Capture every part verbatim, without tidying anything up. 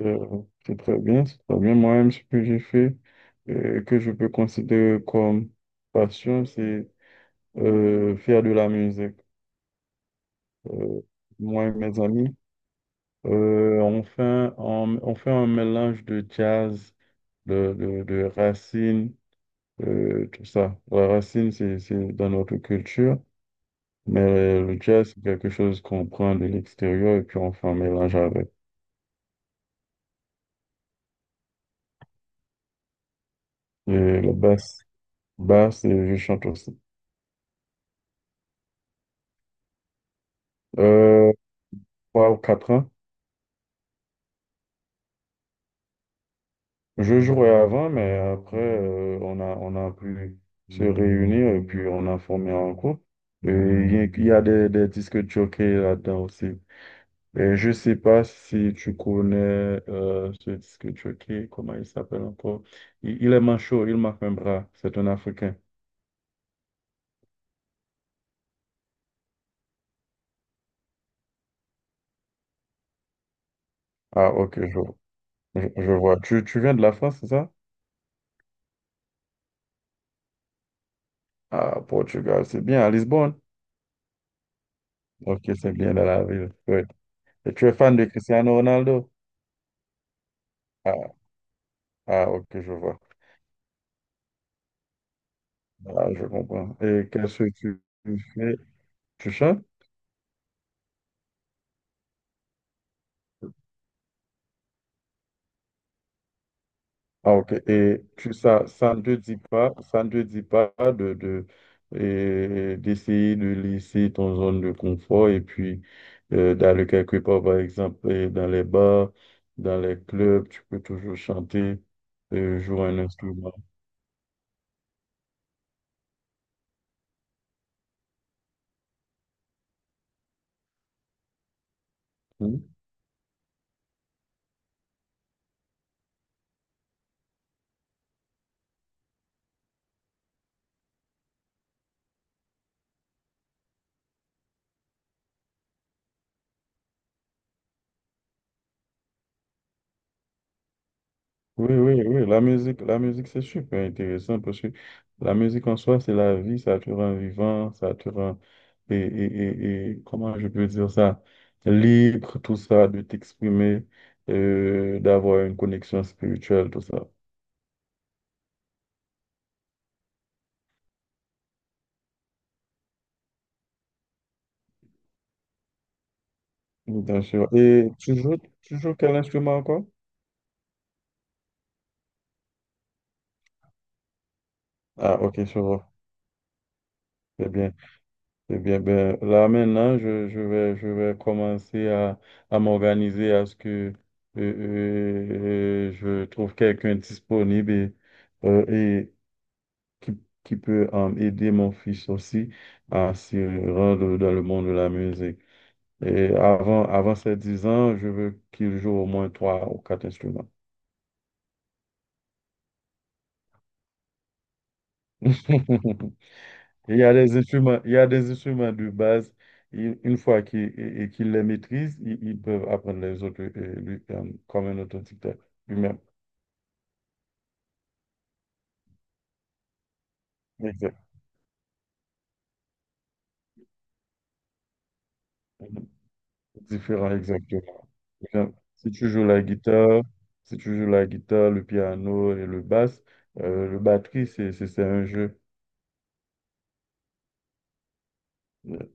Euh, c'est très bien, c'est très bien. Moi-même, ce que j'ai fait, euh, que je peux considérer comme passion, c'est euh, faire de la musique. Euh, Moi et mes amis, euh, on fait, un- on, on fait un mélange de jazz, de, de, de racines, euh, tout ça. La racine, c'est, c'est dans notre culture, mais le jazz, c'est quelque chose qu'on prend de l'extérieur et puis on fait un mélange avec. Et le basse, basse, et je chante aussi. Euh, trois ou quatre ans. Je jouais avant, mais après, euh, on a, on a pu se réunir et puis on a formé un groupe. Et Il y a il y a des, des disques jockeys là-dedans aussi. Et je sais pas si tu connais euh, ce disque jockey, comment il s'appelle encore. Il, il est manchot, il marque un bras, c'est un Africain. Ah, ok, je, je, je vois. Tu, tu viens de la France, c'est ça? Ah, Portugal, c'est bien, à Lisbonne. Ok, c'est bien dans la ville, ouais. Et tu es fan de Cristiano Ronaldo? Ah, ah, ok, je vois. Ah, je comprends. Et qu'est-ce que tu fais? Tu chantes? Ah, ok. Et tu, ça, ça ne te dit pas, ça ne te dit pas de, de, et d'essayer de laisser ton zone de confort et puis euh, d'aller quelque part, par exemple, euh, dans les bars, dans les clubs, tu peux toujours chanter, euh, jouer un instrument. Oui, oui, oui, la musique, la musique, c'est super intéressant parce que la musique en soi, c'est la vie, ça te rend vivant, ça te rend, et, et, et, et comment je peux dire ça, libre, tout ça, de t'exprimer, euh, d'avoir une connexion spirituelle, tout ça. Bien sûr. Et tu joues, tu joues quel instrument encore? Ah, ok, je vois. C'est bien. Eh bien, ben, là maintenant, je, je vais, je vais commencer à, à m'organiser à ce que euh, euh, je trouve quelqu'un disponible et, euh, et qui, qui peut euh, aider mon fils aussi à se rendre dans le monde de la musique. Et avant, avant ses dix ans, je veux qu'il joue au moins trois ou quatre instruments. Il y a des instruments, il y a des instruments de base. Une une fois qu'ils et- et qu'ils les maîtrisent, ils, ils peuvent apprendre les autres euh, lui- euh, comme un authentique lui-même. Exact. Différent, exactement. Bien. Si tu joues la guitare, si tu joues la guitare, le piano et le basse, euh, le batterie, c'est c'est- c'est un jeu. Euh,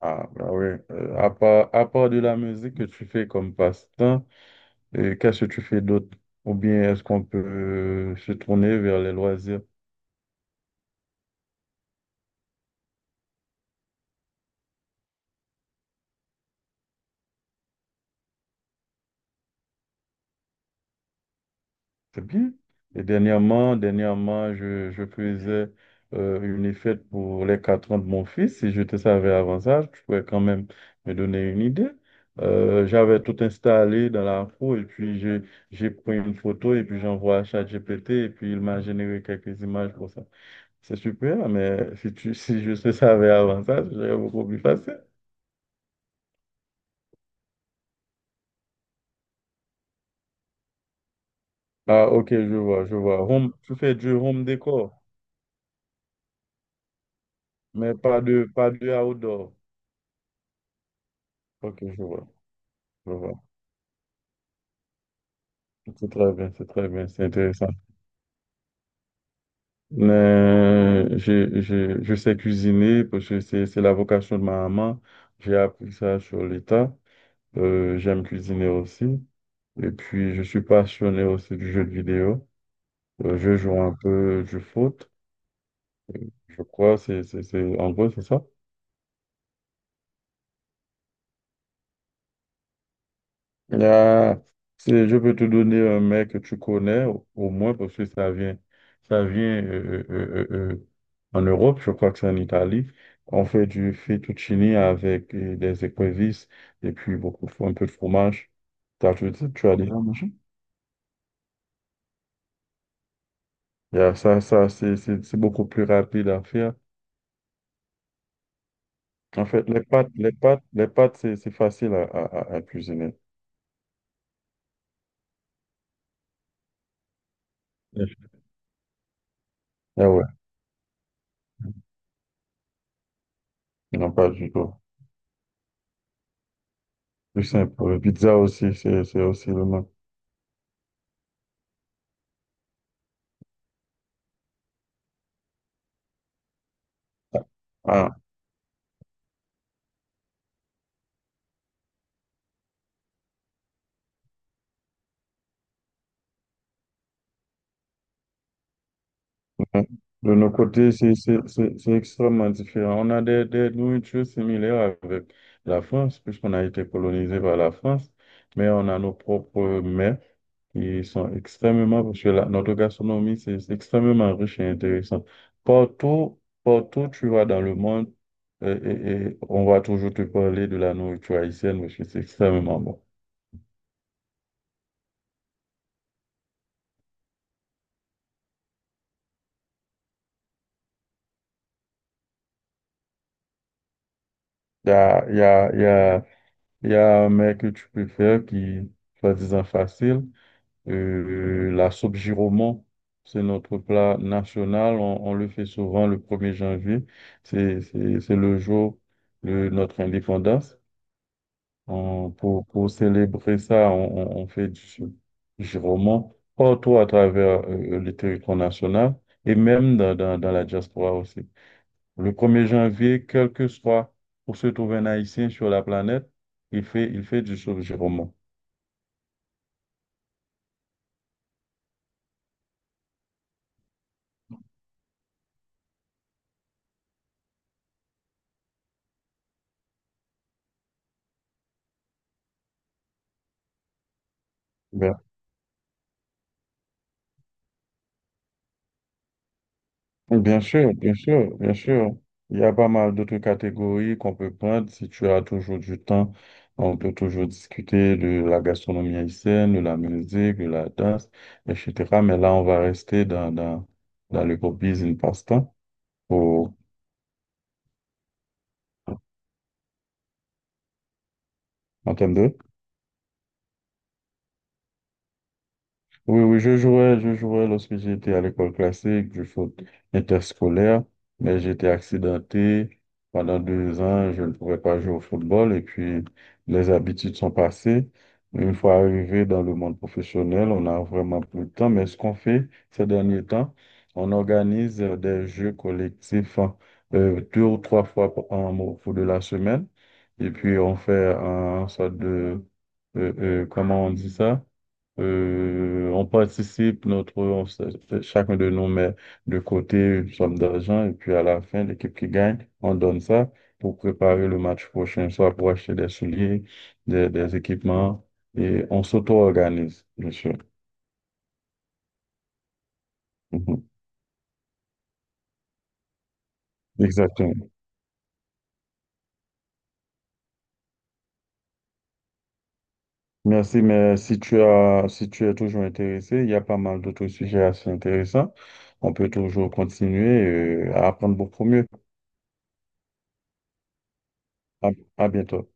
Ah, bah oui. Euh, à part, à part de la musique que tu fais comme passe-temps, euh, qu'est-ce que tu fais d'autre? Ou bien est-ce qu'on peut euh, se tourner vers les loisirs? C'est bien. Et dernièrement, dernièrement, je, je faisais euh, une fête pour les quatre ans de mon fils. Si je te savais avant ça, tu pourrais quand même me donner une idée. Euh, j'avais tout installé dans la roue et puis j'ai, j'ai pris une photo et puis j'envoie à ChatGPT et puis il m'a généré quelques images pour ça. C'est super, mais si tu, si je te savais avant ça, serait beaucoup plus facile. Ah, ok, je vois, je vois. Home, tu fais du home décor, mais pas de, pas de outdoor. Ok, je vois, je vois. C'est très bien, c'est très bien, c'est intéressant. Euh, je, je, je sais cuisiner parce que c'est c'est la vocation de ma maman. J'ai appris ça sur l'État. Euh, j'aime cuisiner aussi. Et puis, je suis passionné aussi du jeu de vidéo. Euh, je joue un peu du foot, je crois. C'est, c'est, c'est, en gros, c'est ça. Ah, c'est- je peux te donner un mec que tu connais, au, au moins parce que ça vient, ça vient euh, euh, euh, euh, euh, en Europe, je crois que c'est en Italie. On fait du fettuccine avec euh, des écrevisses et puis beaucoup, de un peu de fromage. T'as- tu, tu as dit, Yeah, ça, ça c'est c'est- c'est beaucoup plus rapide à faire. En fait, les pâtes, les pâtes, les pâtes, c'est c'est facile à, à, à à cuisiner. Ah ouais, non, pas du tout. Plus simple. Pizza aussi, c'est c'est aussi le même. Ah, Bon, De nos côtés, c'est c'est- c'est- c'est extrêmement différent. On a des, des nourritures similaires avec la France, puisqu'on a été colonisé par la France, mais on a nos propres mets qui sont extrêmement, parce que la- notre gastronomie, c'est c'est extrêmement riche et intéressant. Partout, partout, tu vas dans le monde, et, et- et on va toujours te parler de la nourriture haïtienne, parce que c'est extrêmement bon. Il y a, il y a, il y a, Il y a un mec que tu préfères qui, soi-disant facile, euh, la soupe giraumon, c'est notre plat national, on, on le fait souvent le premier janvier, c'est, c'est, c'est le jour de notre indépendance. On- pour, pour célébrer ça, on, on- on fait du, du roman partout à travers euh, le territoire national et même dans, dans, dans la diaspora aussi. Le premier janvier, quel que soit où se trouve un Haïtien sur la planète, il fait, il fait du roman. Bien sûr, bien sûr, bien sûr. Il y a pas mal d'autres catégories qu'on peut prendre. Si tu as toujours du temps, on peut toujours discuter de la gastronomie haïtienne, de la musique, de la danse, et cetera. Mais là, on va rester dans, dans, dans le pop business passe-temps pour, en termes de Oui, oui, je jouais, je jouais lorsque j'étais à l'école classique, du foot interscolaire, mais j'étais accidenté. Pendant deux ans, je ne pouvais pas jouer au football et puis les habitudes sont passées. Une fois arrivé dans le monde professionnel, on n'a vraiment plus le temps, mais ce qu'on fait ces derniers temps, on organise euh, des jeux collectifs hein, euh, deux ou trois fois par- en- au cours de la semaine et puis on fait un sorte de, euh, euh, comment on dit ça? Euh, on participe, notre, on s- euh, chacun de nous met de côté une somme d'argent et puis à la fin, l'équipe qui gagne, on donne ça pour préparer le match prochain, soit pour acheter des souliers, des, des équipements et on s'auto-organise, bien sûr. Mhm. Exactement. Merci, mais si tu as, si tu es toujours intéressé, il y a pas mal d'autres sujets assez intéressants. On peut toujours continuer euh, à apprendre beaucoup mieux. À, à bientôt.